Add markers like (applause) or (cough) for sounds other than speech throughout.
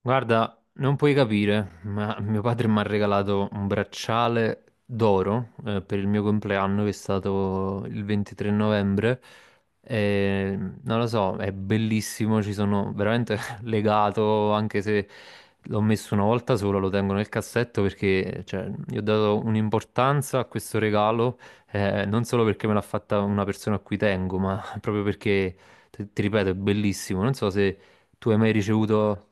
Guarda, non puoi capire, ma mio padre mi ha regalato un bracciale d'oro per il mio compleanno, che è stato il 23 novembre. E, non lo so, è bellissimo, ci sono veramente (laughs) legato, anche se l'ho messo una volta sola, lo tengo nel cassetto perché cioè, gli ho dato un'importanza a questo regalo, non solo perché me l'ha fatta una persona a cui tengo, ma (laughs) proprio perché, ti ripeto, è bellissimo. Non so se tu hai mai ricevuto...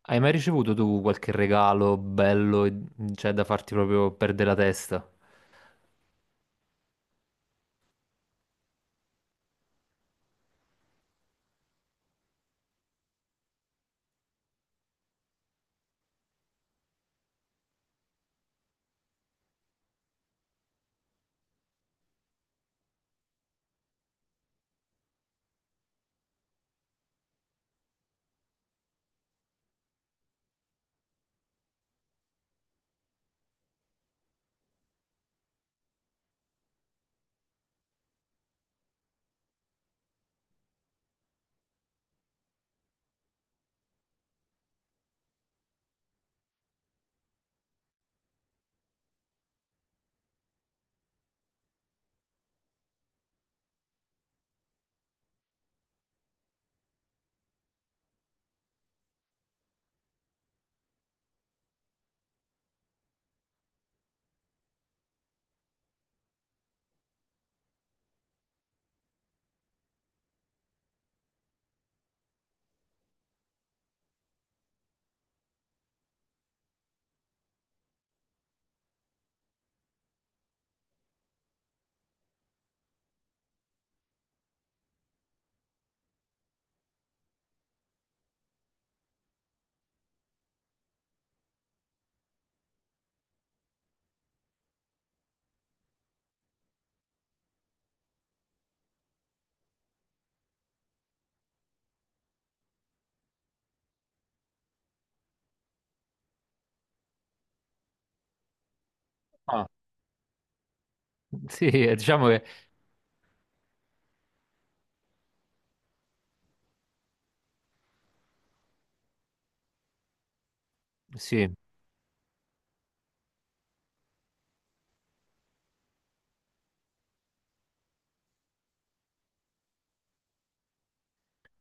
Hai mai ricevuto tu qualche regalo bello, cioè da farti proprio perdere la testa? Ah, sì, diciamo che sì,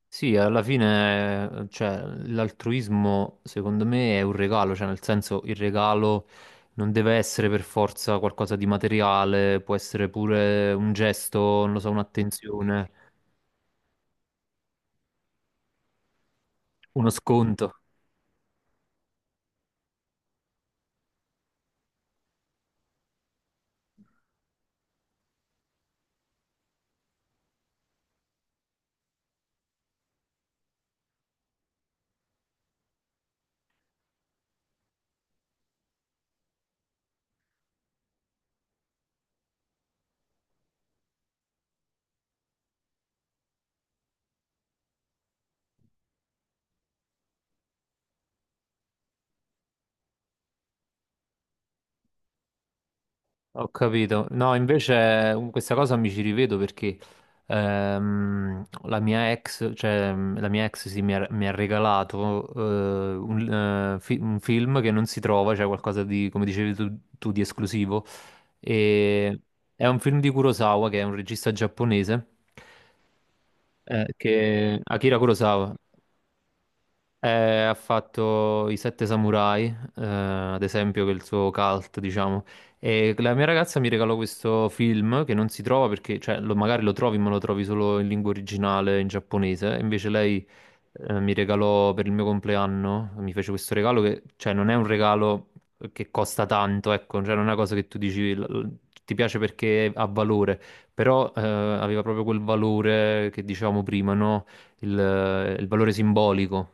sì, alla fine, cioè, l'altruismo secondo me è un regalo, cioè nel senso il regalo non deve essere per forza qualcosa di materiale, può essere pure un gesto, non lo so, un'attenzione, uno sconto. Ho capito. No, invece questa cosa mi ci rivedo perché la mia ex, cioè mm, la mia ex sì, mi ha regalato un, un film che non si trova, cioè qualcosa di, come dicevi tu, tu, di esclusivo. E è un film di Kurosawa, che è un regista giapponese, Akira Kurosawa, eh, ha fatto I Sette Samurai, ad esempio, che è il suo cult, diciamo. E la mia ragazza mi regalò questo film che non si trova perché, cioè, magari lo trovi, ma lo trovi solo in lingua originale, in giapponese. Invece lei, mi regalò per il mio compleanno, mi fece questo regalo che, cioè, non è un regalo che costa tanto, ecco, cioè, non è una cosa che tu dici, ti piace perché ha valore, però, aveva proprio quel valore che dicevamo prima, no? Il valore simbolico.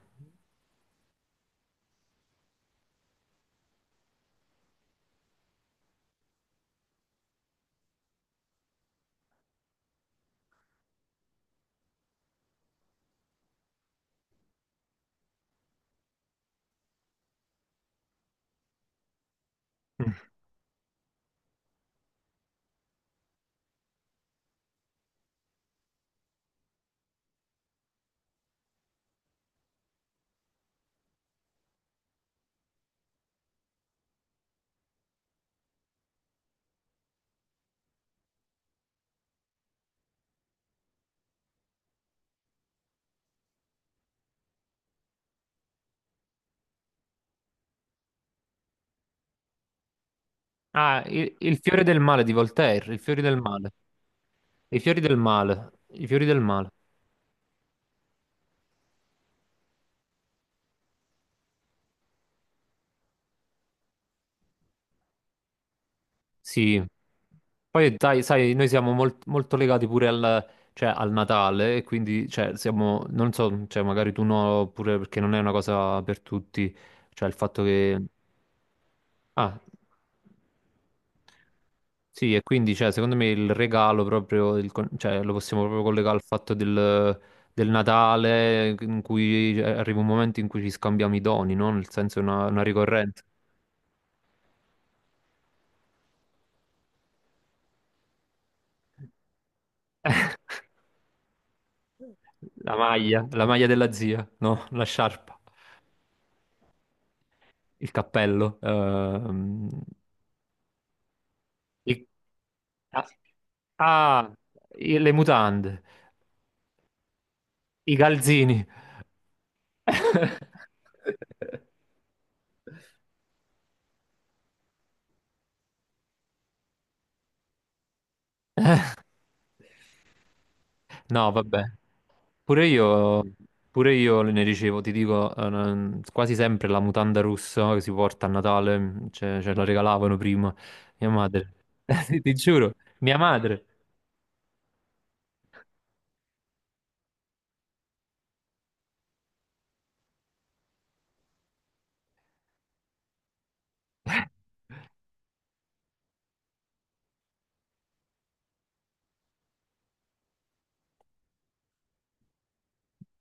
Ah, il fiore del male di Voltaire, i fiori del male. I fiori del male, i fiori del male. Sì. Poi, dai, sai, noi siamo molto legati pure al, cioè, al Natale, e quindi, cioè, siamo, non so, cioè, magari tu no, pure perché non è una cosa per tutti, cioè, il fatto che... Ah, sì, e quindi, cioè, secondo me il regalo proprio, cioè, lo possiamo proprio collegare al fatto del, del Natale, in cui arriva un momento in cui ci scambiamo i doni, no? Nel senso, è una ricorrenza. La maglia della zia, no, la sciarpa, il cappello, i- ah, ah, le mutande, i calzini. (laughs) No, vabbè, pure io, pure io ne ricevo, ti dico, quasi sempre la mutanda russa che si porta a Natale, mm, ce la regalavano prima, mia madre, (laughs) ti giuro, mia madre.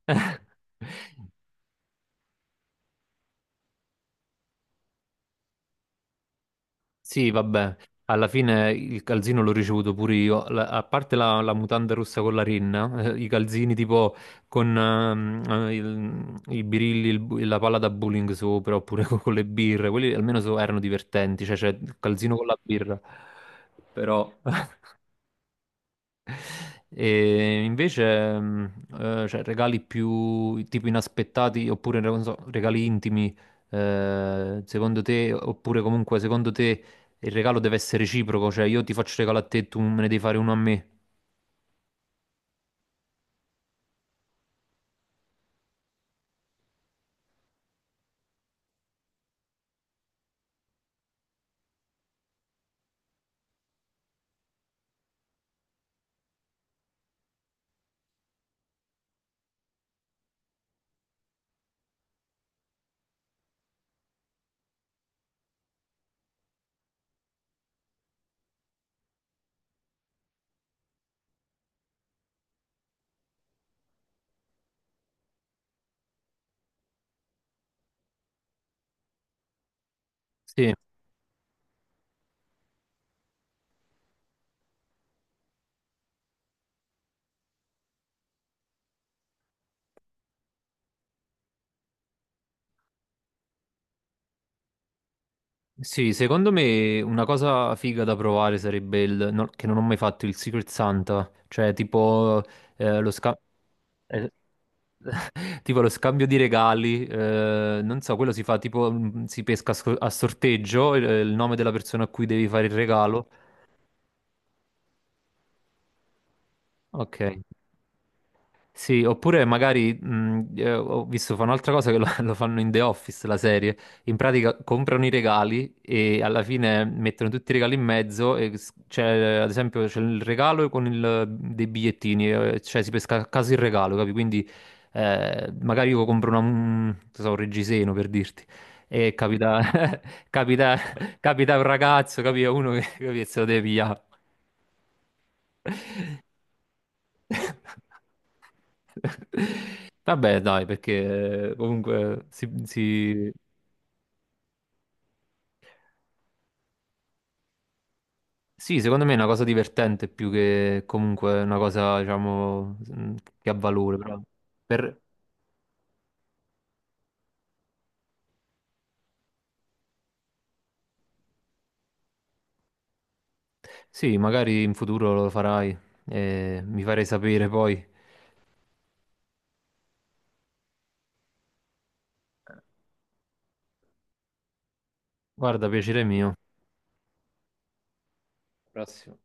(laughs) Sì, vabbè, alla fine il calzino l'ho ricevuto pure io, a parte la, la mutanda rossa con la rinna, (laughs) i calzini tipo con i birilli, la palla da bowling sopra, oppure (laughs) con, le birre, quelli almeno erano divertenti, cioè c'è il calzino con la birra, però... E invece, mm, cioè, regali più tipo inaspettati oppure non so, regali intimi, secondo te, oppure comunque secondo te il regalo deve essere reciproco, cioè io ti faccio regalo a te e tu me ne devi fare uno a me. Sì, sì, secondo me una cosa figa da provare sarebbe il, no- che non ho mai fatto, il Secret Santa, cioè tipo lo scambio. (laughs) Tipo lo scambio di regali, non so, quello si fa tipo, mm, si pesca a a sorteggio, il nome della persona a cui devi fare il regalo. Ok. Sì, oppure magari ho visto fa un'altra cosa che lo, (laughs) lo fanno in The Office, la serie. In pratica comprano i regali e alla fine mettono tutti i regali in mezzo. C'è, ad esempio, c'è il regalo dei bigliettini, cioè si pesca a caso il regalo, capi? Quindi magari io compro un, non so, un reggiseno per dirti. E capita, (laughs) capita, capita un ragazzo, capi? Uno che, capi, che se lo deve pigliare. Vabbè, dai, perché comunque sì, secondo me è una cosa divertente più che comunque una cosa, diciamo, che ha valore, però per... Sì, magari in futuro lo farai e mi farei sapere poi. Guarda, piacere mio. Prossimo.